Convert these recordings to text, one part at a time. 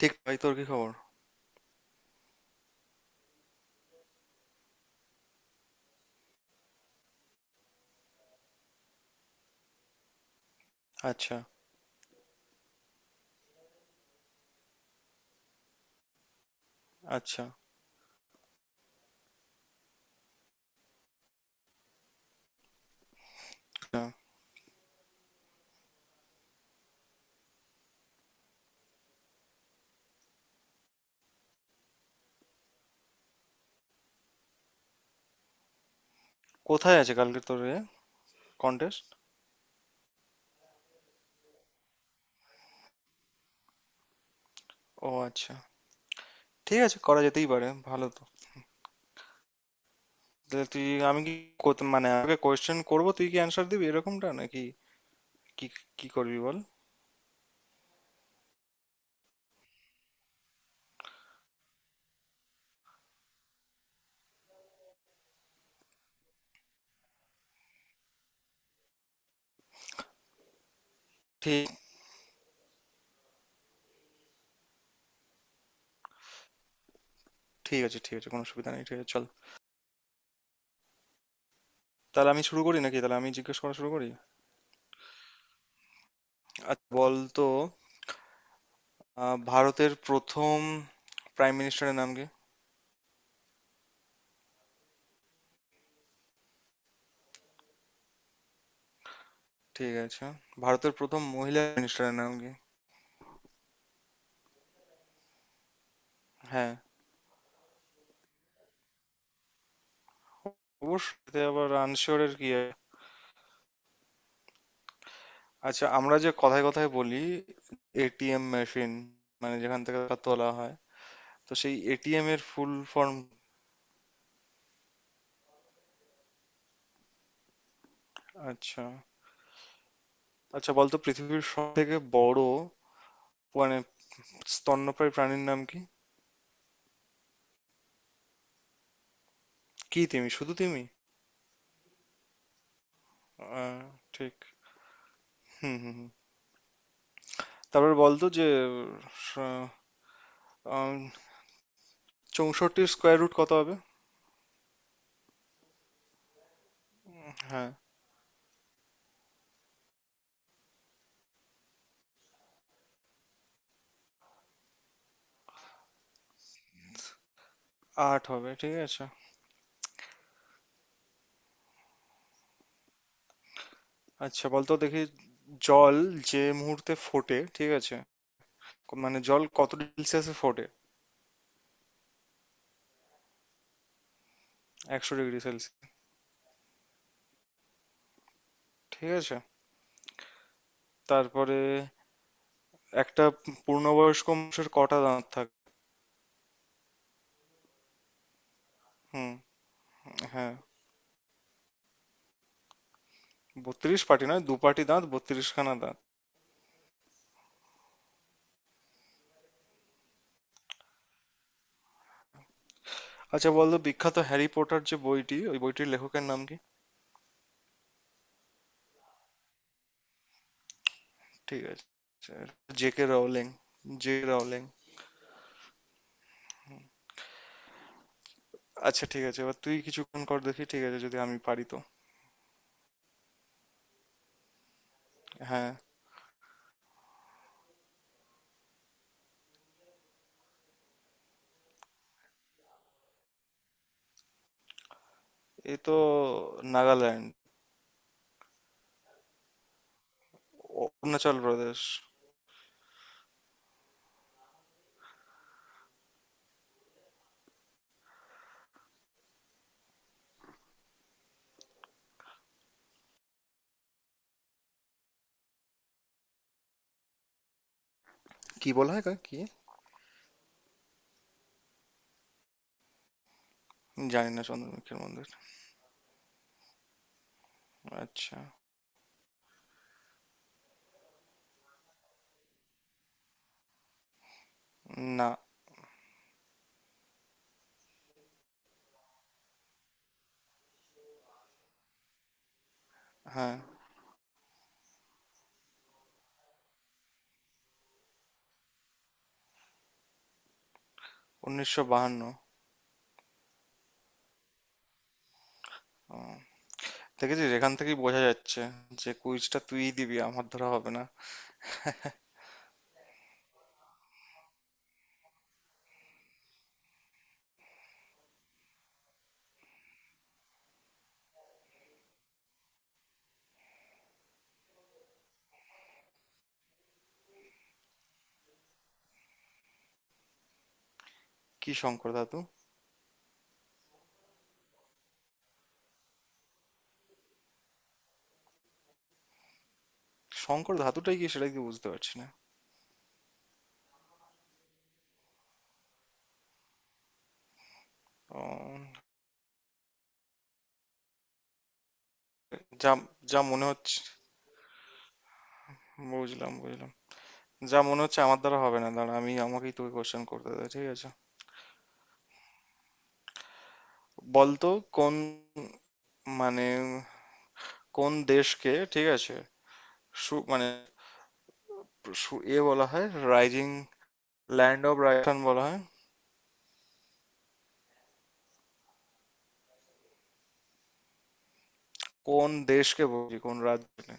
ঠিক ভাই, তোর কি খবর? আচ্ছা। আচ্ছা। না। কোথায় আছে কালকে তোর কন্টেস্ট? ও আচ্ছা। ঠিক আছে, করা যেতেই পারে, ভালো তো। তাহলে তুই আমি কি মানে আমাকে কোয়েশ্চেন করবো, তুই কি অ্যান্সার দিবি, এরকমটা নাকি? কি কি করবি বল। ঠিক ঠিক আছে। ঠিক আছে, কোনো অসুবিধা নেই, ঠিক আছে, চল। তাহলে আমি শুরু করি নাকি, তাহলে আমি জিজ্ঞেস করা শুরু করি। আচ্ছা বল তো, ভারতের প্রথম প্রাইম মিনিস্টারের নাম কি? ঠিক আছে। ভারতের প্রথম মহিলা মিনিস্টারের নাম কি? হ্যাঁ। অবশ্যই, এতে আবার আনশিওরের কি আছে? আচ্ছা, আমরা যে কথায় কথায় বলি এটিএম মেশিন, মানে যেখান থেকে টাকা তোলা হয়, তো সেই এটিএম এর ফুল ফর্ম? আচ্ছা। আচ্ছা, বলতো পৃথিবীর সব থেকে বড় মানে স্তন্যপায়ী প্রাণীর নাম কি? কি, তিমি? শুধু তিমি? আহ, ঠিক। হুম হুম হুম। তারপরে বলতো যে স- আম, 64-র স্কোয়ার রুট কত হবে? হ্যাঁ। আট হবে, ঠিক আছে। আচ্ছা বলতো দেখি, জল যে মুহূর্তে ফোটে, ঠিক আছে, মানে জল কত সেলসিয়াসে ফোটে? 100 ডিগ্রি সেলসিয়াস। ঠিক আছে। তারপরে একটা পূর্ণবয়স্ক মানুষের কটা দাঁত থাকে? হুম। হ্যাঁ, 32 পাটি নয়, দু পাটি দাঁত, 32 খানা দাঁত। আচ্ছা, বলতো বিখ্যাত হ্যারি পটার যে বইটি, ওই বইটির লেখকের নাম কি? ঠিক আছে। J K Rowling. J K Rowling. আচ্ছা, ঠিক আছে, এবার তুই কিছুক্ষণ কর দেখি, ঠিক আছে, যদি আমি পারি তো। হ্যাঁ। এ তো নাগাল্যান্ড। অরুণাচল প্রদেশ। কি বলা হয় কাকে? কি? জানি না, চন্দ্রমুখীর মন্দির। আচ্ছা। না। হ্যাঁ। 1952। ও। দেখেছিস, এখান থেকেই বোঝা যাচ্ছে যে কুইজটা তুই দিবি আমার ধরা হবে না। কি, শঙ্কর ধাতু? শঙ্কর ধাতুটাই কি সেটা কি বুঝতে পারছি না। ও। যা, যা মনে হচ্ছে, বুঝলাম বুঝলাম, যা মনে হচ্ছে আমার দ্বারা হবে না, দাঁড়া, আমি আমাকেই তোকে কোশ্চেন করতে দে, ঠিক আছে। বলতো কোন মানে কোন দেশকে, ঠিক আছে, মানে এ বলা হয় রাইজিং, ল্যান্ড অফ রাজস্থান বলা হয়? কোন দেশকে বলি, কোন রাজ্যকে?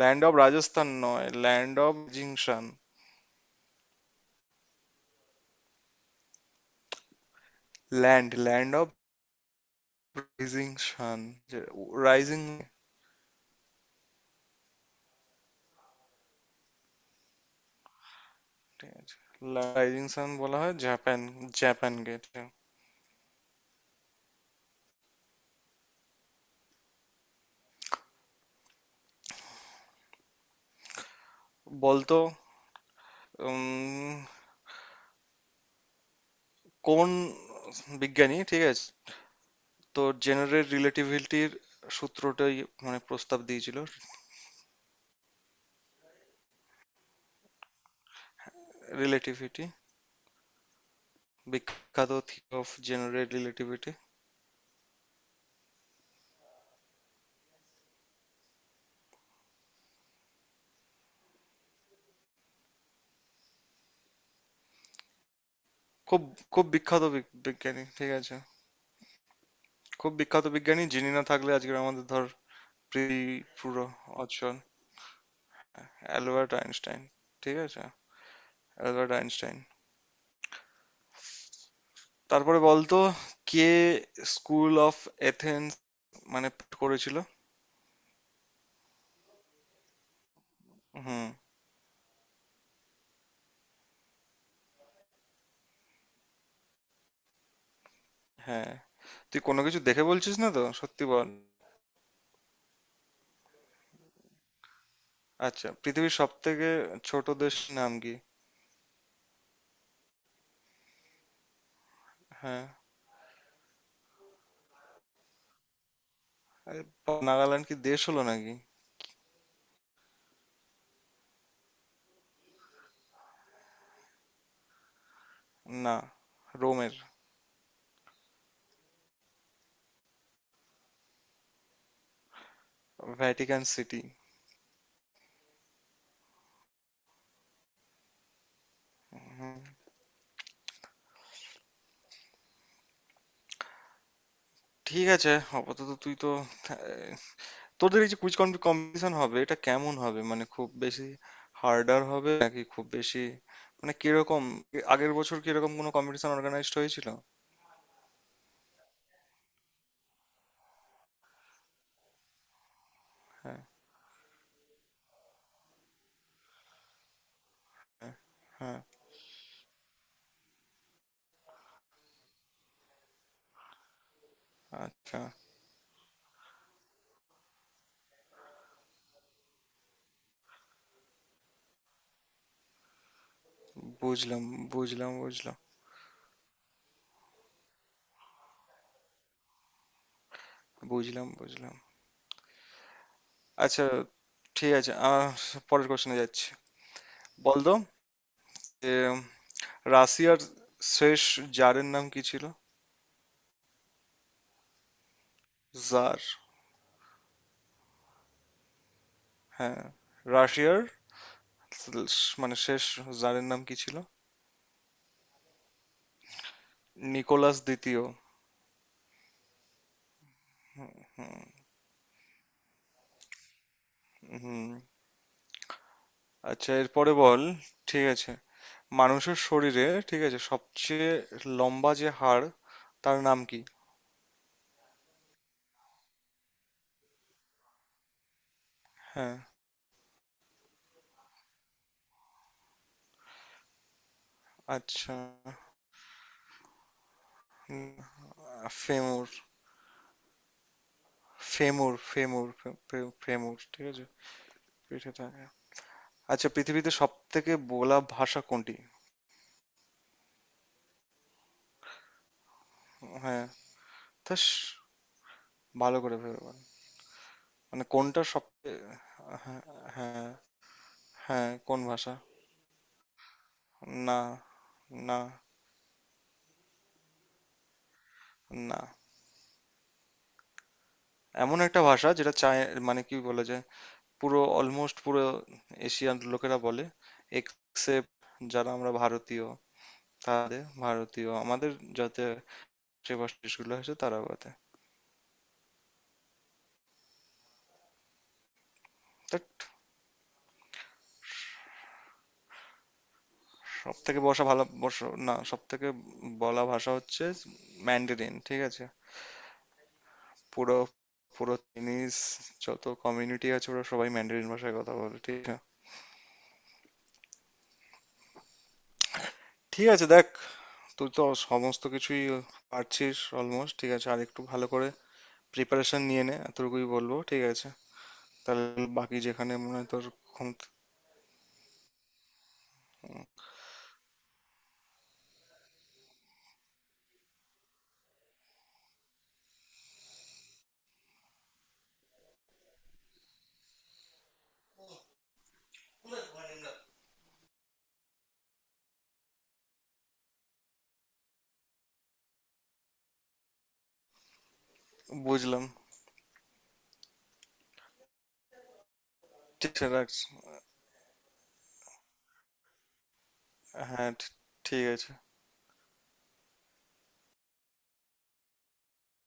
ল্যান্ড অফ রাজস্থান নয়, ল্যান্ড অফ জিংশান। Land of rising sun, rising. Rising sun বলা হয় জাপান, জাপানকে এটা। বলতো উম, কোন বিজ্ঞানী, ঠিক আছে, তো জেনারেল রিলেটিভিটির সূত্রটাই মানে প্রস্তাব দিয়েছিল? রিলেটিভিটি, বিখ্যাত থিওরি অফ জেনারেল রিলেটিভিটি। খুব খুব বিখ্যাত বিজ্ঞানী, ঠিক আছে। খুব বিখ্যাত বিজ্ঞানী যিনি না থাকলে আজকে আমাদের, ধর, পৃথিবী পুরো অচল। Albert Einstein. ঠিক আছে। Albert Einstein. তারপরে বলতো কে স্কুল অফ এথেন্স মানে করেছিল? হুম। হ্যাঁ। তুই কোনো কিছু দেখে বলছিস না তো, সত্যি বল। আচ্ছা, পৃথিবীর সব থেকে ছোট দেশ নাম কি? হ্যাঁ। আরে বাবা, নাগাল্যান্ড কি দেশ হলো নাকি? না, রোমের। Vatican city. হুম। ঠিক আছে। আপাতত তুই তো, তোদের এই যে কুইজ কম্পিটিশন হবে, এটা কেমন হবে, মানে খুব বেশি হার্ডার হবে নাকি, খুব বেশি মানে কিরকম, আগের বছর কিরকম কোনো কম্পিটিশন অর্গানাইজড হয়েছিল? হ্যাঁ। হ্যাঁ। হ্যাঁ। আচ্ছা। বুঝলাম, বুঝলাম, বুঝলাম, বুঝলাম, বুঝলাম। আচ্ছা, ঠিক আছে, পরের কোশ্চেনে যাচ্ছি। বল তো যে রাশিয়ার শেষ জারের নাম কি ছিল? জার। হ্যাঁ, রাশিয়ার মানে শেষ জারের নাম কি ছিল? নিকোলাস দ্বিতীয়। হুম। আচ্ছা, এরপরে বল। ঠিক আছে। মানুষের শরীরে, ঠিক আছে, সবচেয়ে লম্বা যে হাড়, তার নাম কি? হ্যাঁ। আচ্ছা। উম, ফেমur। ফেমur ফেমur ফে- ফে- ফেমur, ঠিক আছে। পিঠে থাকে। আচ্ছা, পৃথিবীতে সব থেকে বলা ভাষা কোনটি? হ্যাঁ। তাস, ভালো করে ভেবে বল। মানে কোনটা সব? হ্যাঁ। হ্যাঁ। হ্যাঁ, কোন ভাষা? না। না। না। এমন একটা ভাষা যেটা চায়, মানে কি বলে যে পুরো অলমোস্ট পুরো এশিয়ান লোকেরা বলে, এক্সেপ্ট যারা আমরা ভারতীয়, তাদের ভারতীয় আমাদের, যাতে যে ভাষা দেশগুলো আছে তারা বলে। বাট সব থেকে বসা, ভালো, বসা না, সব থেকে বলা ভাষা হচ্ছে ম্যান্ডারিন, ঠিক আছে। পুরো, পুরো চাইনিজ যত কমিউনিটি আছে ওরা সবাই ম্যান্ডারিন ভাষায় কথা বলে, ঠিক আছে। ঠিক আছে, দেখ, তুই তো সমস্ত কিছুই পারছিস অলমোস্ট, ঠিক আছে। আর একটু ভালো করে প্রিপারেশন নিয়ে নে, এতটুকুই বলবো, ঠিক আছে। তাহলে বাকি যেখানে মনে হয় তোর ক্ষমতা। বুঝলাম। ঠিক আছে, রাখ। হ্যাঁ। ঠিক আছে।